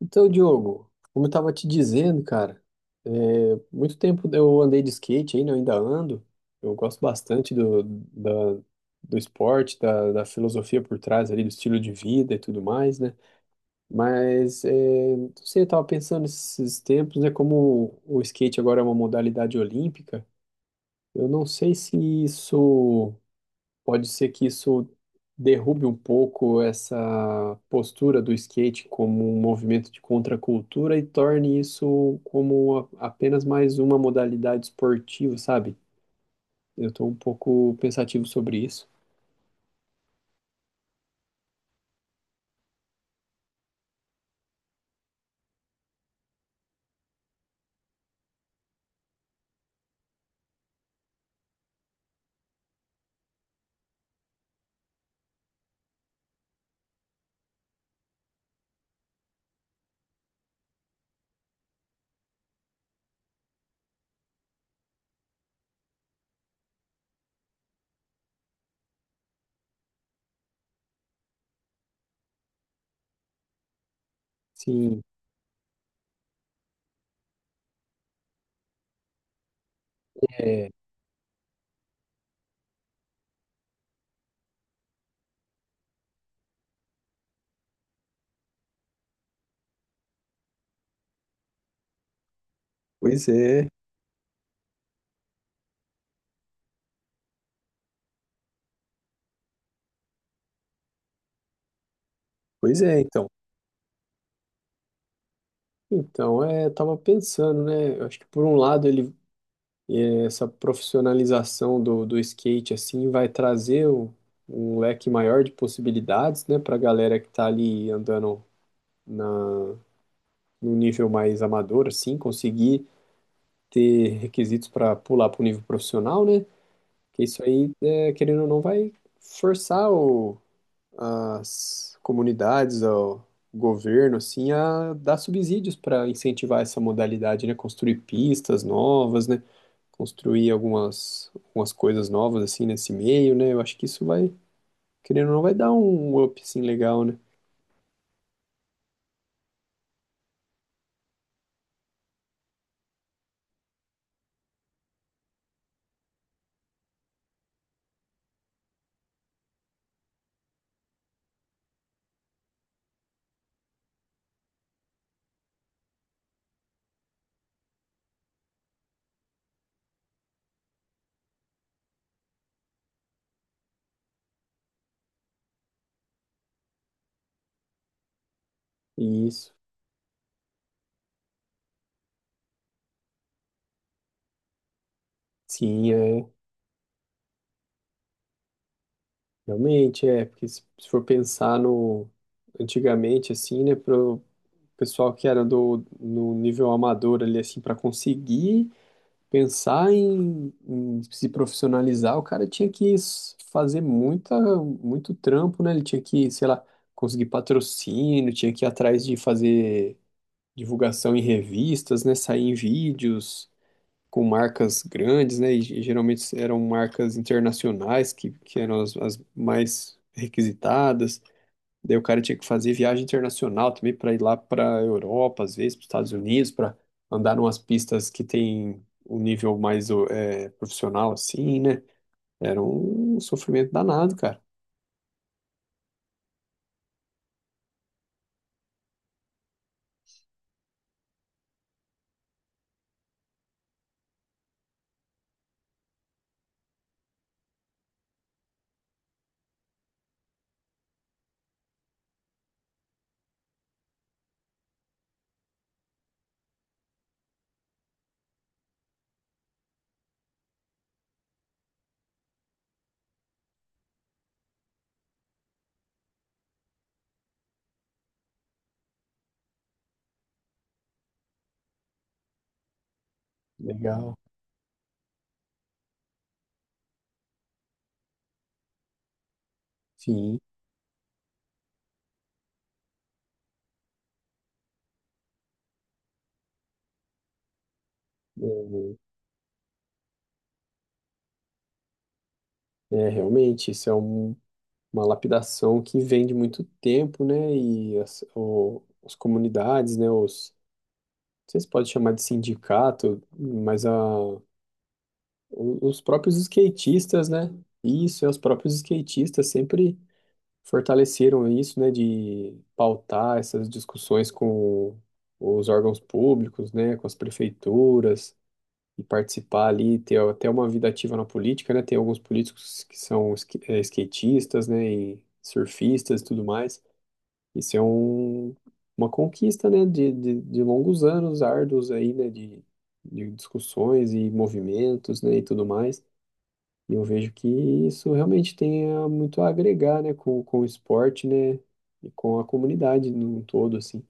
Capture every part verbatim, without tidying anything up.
Então, Diogo, como eu tava te dizendo, cara, é, muito tempo eu andei de skate ainda, eu ainda ando. Eu gosto bastante do, da, do esporte, da, da filosofia por trás ali, do estilo de vida e tudo mais, né? Mas, é, não sei, eu tava pensando nesses tempos, né? Como o skate agora é uma modalidade olímpica, eu não sei se isso. Pode ser que isso derrube um pouco essa postura do skate como um movimento de contracultura e torne isso como a- apenas mais uma modalidade esportiva, sabe? Eu estou um pouco pensativo sobre isso. Sim, é, pois é, pois é, então. Então, é, tava pensando, né? Eu acho que por um lado ele, essa profissionalização do, do skate assim vai trazer um, um leque maior de possibilidades, né, para a galera que tá ali andando na, num nível mais amador, assim, conseguir ter requisitos para pular para o nível profissional, né? Que isso aí, é, querendo ou não, vai forçar o, as comunidades, o governo, assim, a dar subsídios para incentivar essa modalidade, né? Construir pistas novas, né? Construir algumas, algumas coisas novas, assim, nesse meio, né? Eu acho que isso vai, querendo ou não, vai dar um up, assim, legal, né? E isso, sim, é realmente, é, porque se se for pensar no antigamente, assim, né, pro pessoal que era do no nível amador ali, assim, para conseguir pensar em, em se profissionalizar, o cara tinha que s- fazer muita, muito trampo, né? Ele tinha que, sei lá, conseguir patrocínio, tinha que ir atrás de fazer divulgação em revistas, né, sair em vídeos com marcas grandes, né? E, e geralmente eram marcas internacionais que, que eram as, as mais requisitadas. Daí o cara tinha que fazer viagem internacional também para ir lá para a Europa, às vezes para os Estados Unidos, para andar umas pistas que tem um nível mais o- é, profissional, assim, né? Era um sofrimento danado, cara. Legal. Sim. É, é, realmente, isso é um- uma lapidação que vem de muito tempo, né? E as, o- as comunidades, né? Os, sei se pode chamar de sindicato, mas a, o- os próprios skatistas, né? Isso, é, os próprios skatistas sempre fortaleceram isso, né? De pautar essas discussões com os órgãos públicos, né? Com as prefeituras e participar ali, ter até uma vida ativa na política, né? Tem alguns políticos que são ski- eh, skatistas, né? E surfistas e tudo mais. Isso é um, uma conquista, né, de, de, de longos anos árduos aí, né, de, de discussões e movimentos, né, e tudo mais. E eu vejo que isso realmente tem a- muito a agregar, né, com, com o esporte, né, e com a comunidade num todo, assim.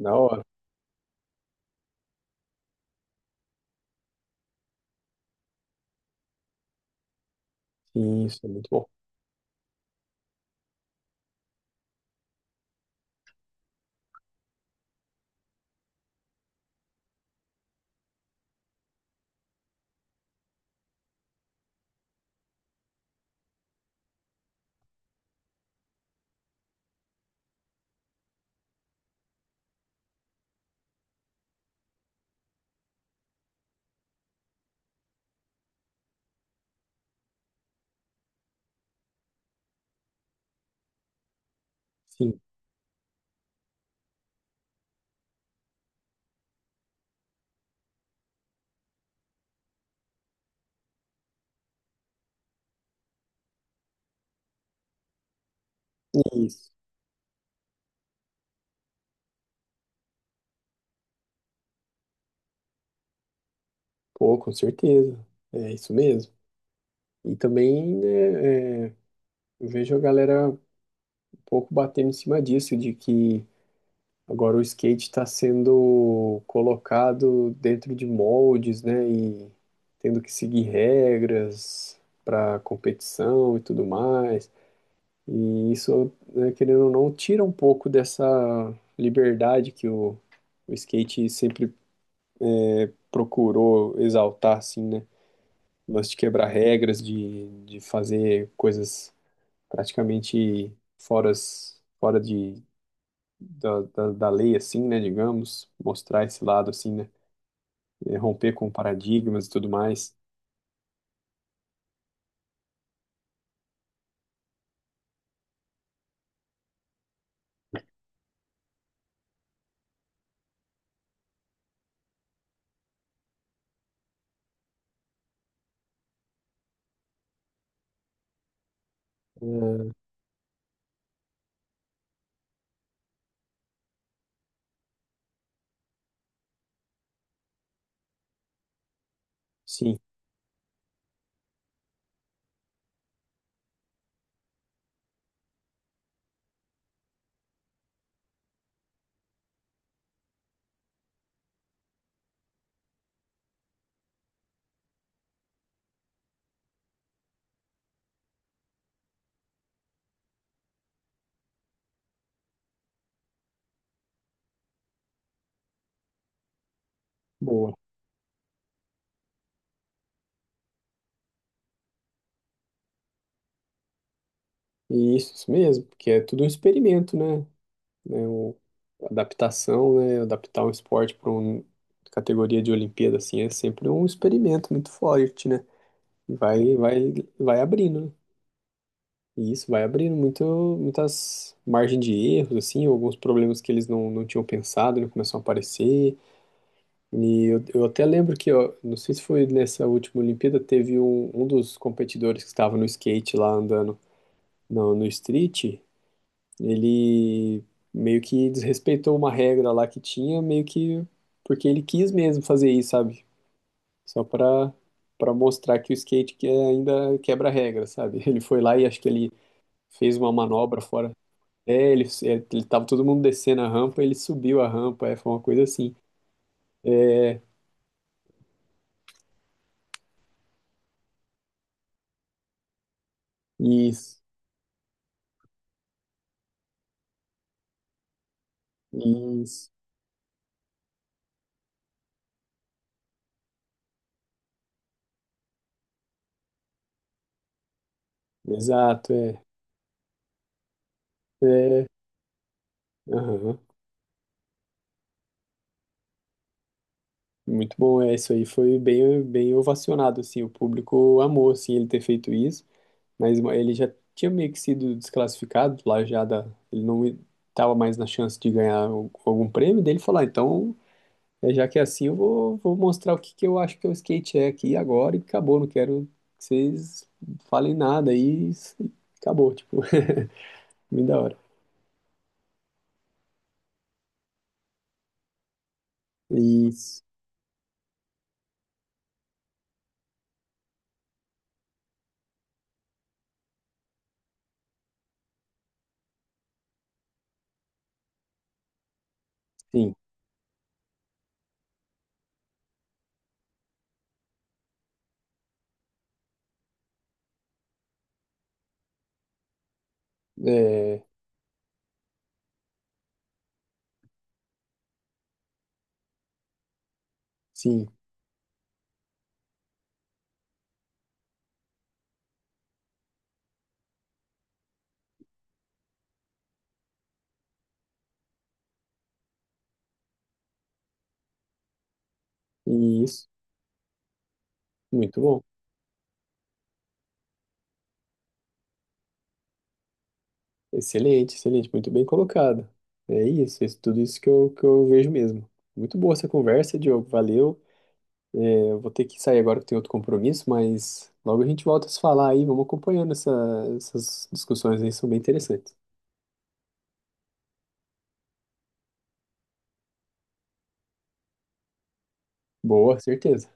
Da hora. Sim, isso é muito bom. Sim, isso. Pô, com certeza. É isso mesmo. E também, né, é, eu vejo a galera um pouco batendo em cima disso, de que agora o skate está sendo colocado dentro de moldes, né? E tendo que seguir regras para competição e tudo mais. E isso, né, querendo ou não, tira um pouco dessa liberdade que o, o skate sempre procurou exaltar, assim, né? O lance de quebrar regras, de, de fazer coisas praticamente fora, fora de, da, da, da lei, assim, né? Digamos, mostrar esse lado, assim, né? É, romper com paradigmas e tudo mais. É, sim, boa. E isso, isso mesmo, porque é tudo um experimento, né? Né, o, a adaptação, né? Adaptar um esporte para uma categoria de Olimpíada, assim, é sempre um experimento muito forte, né? E vai, vai, vai abrindo, né? E isso vai abrindo muito, muitas margens de erros, assim, alguns problemas que eles não, não tinham pensado, né, começam a aparecer. E eu, eu até lembro que, ó, não sei se foi nessa última Olimpíada, teve um, um dos competidores que estava no skate lá andando no, no street, ele meio que desrespeitou uma regra lá que tinha, meio que porque ele quis mesmo fazer isso, sabe? Só para para mostrar que o skate que ainda quebra a regra, sabe? Ele foi lá e acho que ele fez uma manobra fora. É, ele, ele tava todo mundo descendo a rampa, ele subiu a rampa, é, foi uma coisa assim. Isso, isso. Exato, é. É, aham. Muito bom, é, isso aí foi bem, bem ovacionado, assim, o público amou, assim, ele ter feito isso, mas ele já tinha meio que sido desclassificado lá já da, ele não estava mais na chance de ganhar o- algum prêmio, dele falar, então, é, já que é assim, eu vou, vou mostrar o que que eu acho que é o skate é aqui agora e acabou, não quero que vocês falem nada e s- acabou, tipo, muito da hora. E sim, é, sim, e isso, muito bom. Excelente, excelente, muito bem colocado. É isso, é isso tudo isso que eu, que eu vejo mesmo. Muito boa essa conversa, Diogo, valeu. É, eu vou ter que sair agora que tem outro compromisso, mas logo a gente volta a se falar aí, vamos acompanhando essa- essas discussões aí, são bem interessantes. Boa, certeza.